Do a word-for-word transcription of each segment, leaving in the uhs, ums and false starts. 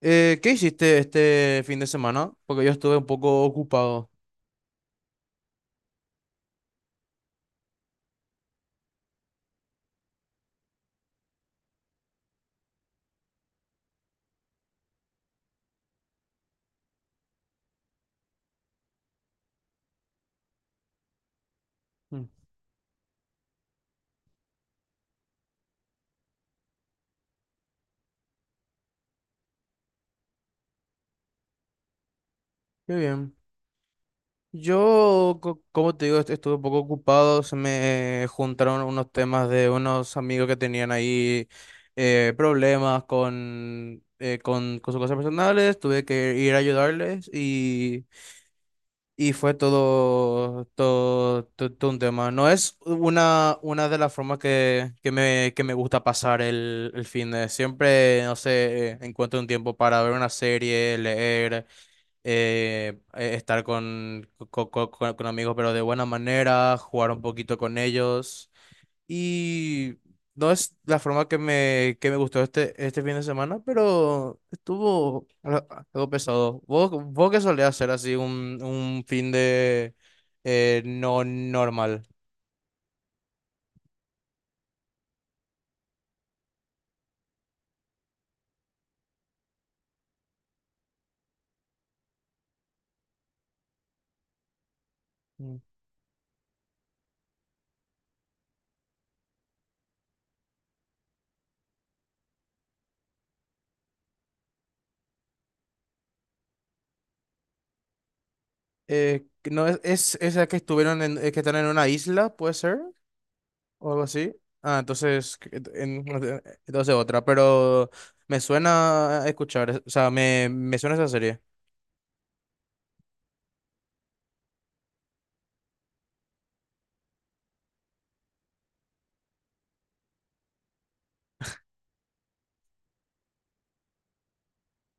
Eh, ¿qué hiciste este fin de semana? Porque yo estuve un poco ocupado. Mm, Qué bien. Yo, co- como te digo, est- estuve un poco ocupado. Se me juntaron unos temas de unos amigos que tenían ahí eh, problemas con, eh, con, con sus cosas personales. Tuve que ir a ayudarles. y Y fue todo, todo, to- todo un tema. No es una, una de las formas que, que me, que me gusta pasar el, el fin de. Siempre, no sé, eh, encuentro un tiempo para ver una serie, leer, eh, eh, estar con, co- co- co- con amigos, pero de buena manera, jugar un poquito con ellos. Y no es la forma que me, que me gustó este, este fin de semana, pero estuvo al- algo pesado. ¿Vos, vos qué solés hacer así un, un fin de eh, no normal? Mm. Eh, que no es, es esa que estuvieron en, eh, que están en una isla, puede ser, o algo así. Ah, entonces, que- en- en- entonces otra, pero me suena a escuchar, es- o sea, me, me suena esa serie.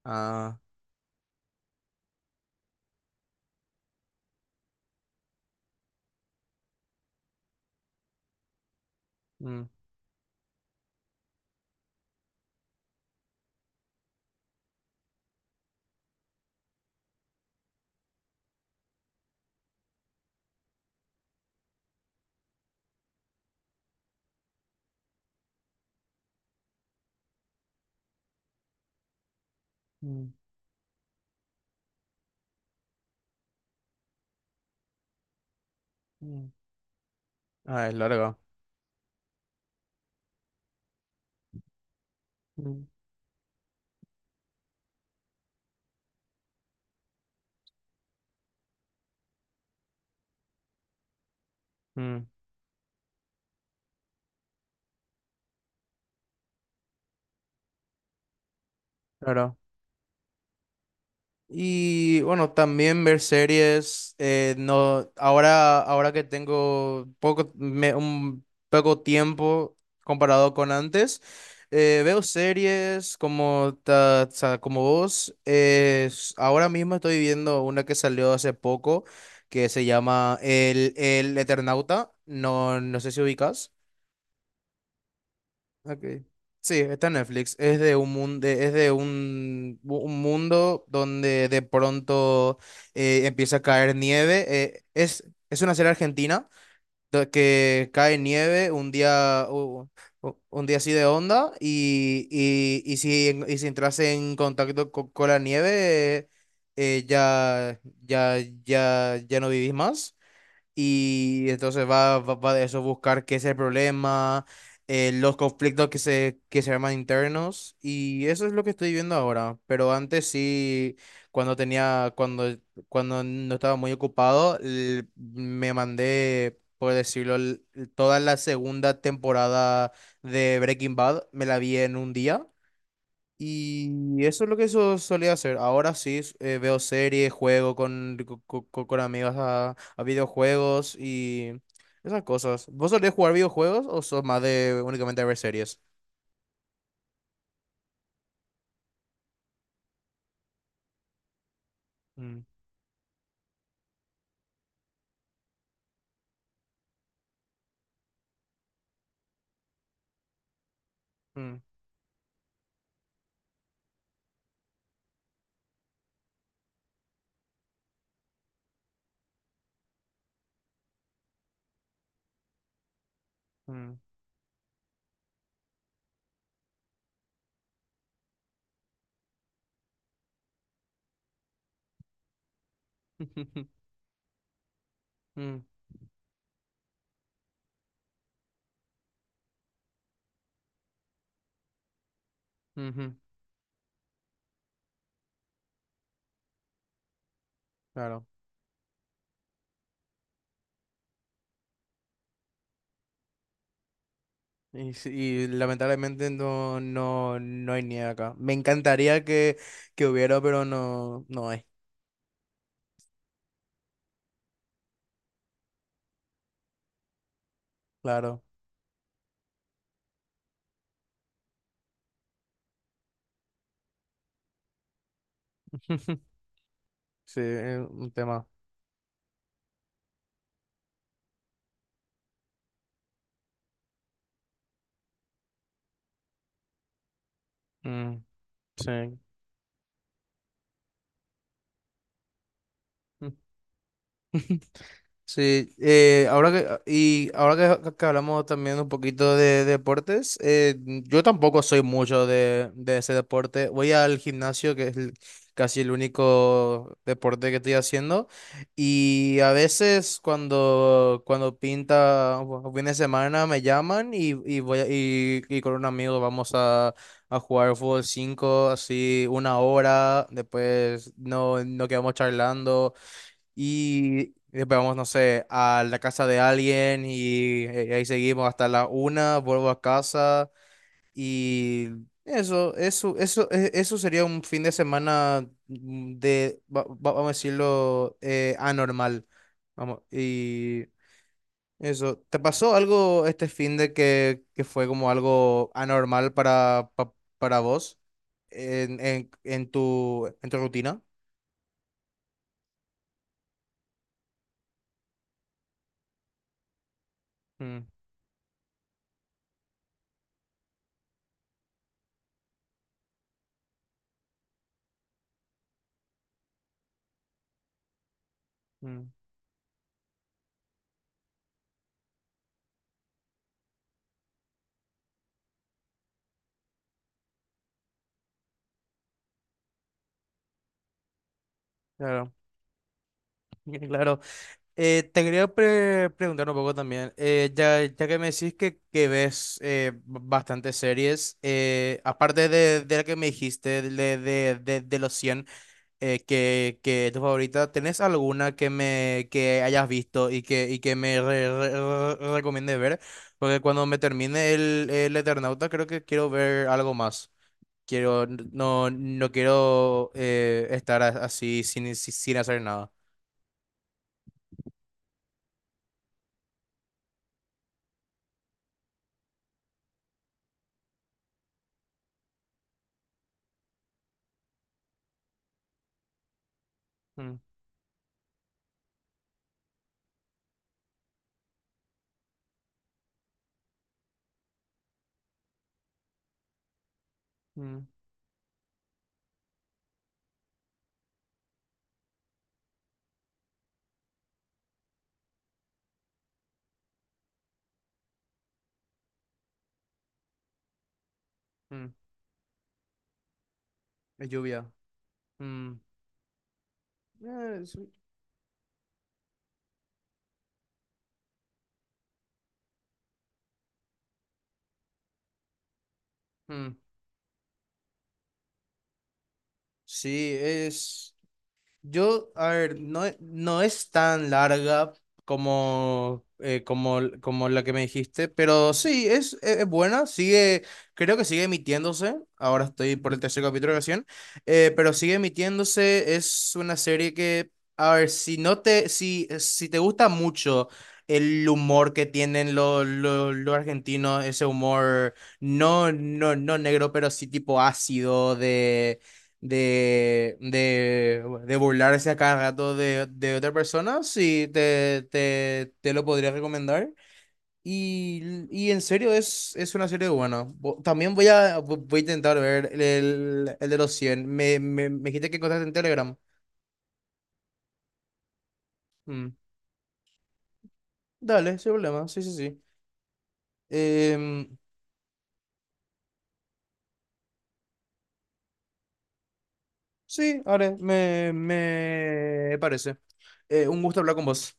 Ah, mm, mm, mm. Ah, es larga. Mm, claro. Y bueno, también ver series. Eh, no, ahora, Ahora que tengo poco, me- un poco tiempo comparado con antes, eh, veo series como, ta- o sea, como vos. Eh, s- ahora mismo estoy viendo una que salió hace poco que se llama El, El Eternauta. No, no sé si ubicas. Ok. Sí, está en Netflix. Es de un mundo, es de un, mu- un mundo donde de pronto eh, empieza a caer nieve. Eh, es, es una serie argentina do- que cae nieve un día, u- u- un día así de onda. Y, y, y si, en- y si entras en contacto co- con la nieve, eh, ya, ya, ya, ya no vivís más. Y entonces va, va, va de eso, buscar qué es el problema, eh, los conflictos que se, que se arman internos, y eso es lo que estoy viendo ahora. Pero antes sí, cuando tenía, cuando, cuando no estaba muy ocupado, l- me mandé, por decirlo, l- toda la segunda temporada de Breaking Bad, me la vi en un día. Y eso es lo que eso solía hacer. Ahora sí, eh, veo series, juego con, co- co- co- con, amigos a, a videojuegos y esas cosas. ¿Vos solés jugar videojuegos o sos más de únicamente ver series? Mm, mm, mm. Mm, ujú, claro. Y, sí- y lamentablemente no, no, no hay ni acá. Me encantaría que, que hubiera, pero no, no hay. Claro. Sí, es un tema. Mm, sí. Sí. Eh, ahora que, ah, y ahora que, que hablamos también un poquito de deportes, eh, yo tampoco soy mucho de, de ese deporte. Voy al gimnasio, que es el- casi el único deporte que estoy haciendo, y a veces cuando, cuando pinta o fin de semana me llaman y y voy a- y, y con un amigo vamos a, a jugar fútbol cinco así una hora, después no, no quedamos charlando. Y después vamos, no sé, a la casa de alguien y eh, ahí seguimos hasta la una, vuelvo a casa. Y eso, eso, eso, e- eso sería un fin de semana, mm, de, va- va- vamos a decirlo, eh, anormal. Vamos. Y eso, ¿te pasó algo este fin de que, que fue como algo anormal para, pa- para vos en, en, en tu, en tu rutina? Mm, mm, claro. Claro. Eh, te quería pre- preguntar un poco también, eh, ya, ya que me decís que, que ves, eh, b- bastantes series, eh, aparte de de la que me dijiste, de, de, de, de los cien, eh, que, que es tu favorita, ¿tenés alguna que, me, que hayas visto y que, y que me re- re- re- re- recomiendes ver? Porque cuando me termine el, el Eternauta creo que quiero ver algo más. Quiero, no, no quiero, eh, estar a- así sin, sin sin hacer nada. Mm, mm, mm. Es lluvia. Mm. Eh, sí. Mm. Sí, es. Yo, a ver, no, e- no es tan larga como, eh, como, l- como la que me dijiste, pero sí, es, e- es buena, sigue, creo que sigue emitiéndose, ahora estoy por el tercer capítulo recién, eh, pero sigue emitiéndose, es una serie que, a ver, si no te, si, si te gusta mucho el humor que tienen los los los argentinos, ese humor no, no, no negro, pero sí tipo ácido de, de, de burlarse a cada rato de, de otra persona, sí, te, te, te lo podría recomendar. Y, y en serio, es, es una serie buena. Vo- También voy a, vo- voy a intentar ver el, el de los cien. Me, me, me dijiste que encontraste en Telegram. Mm. Dale, sin problema. Sí, sí, sí. Em, sí, haré. Me, me parece. Eh, un gusto hablar con vos.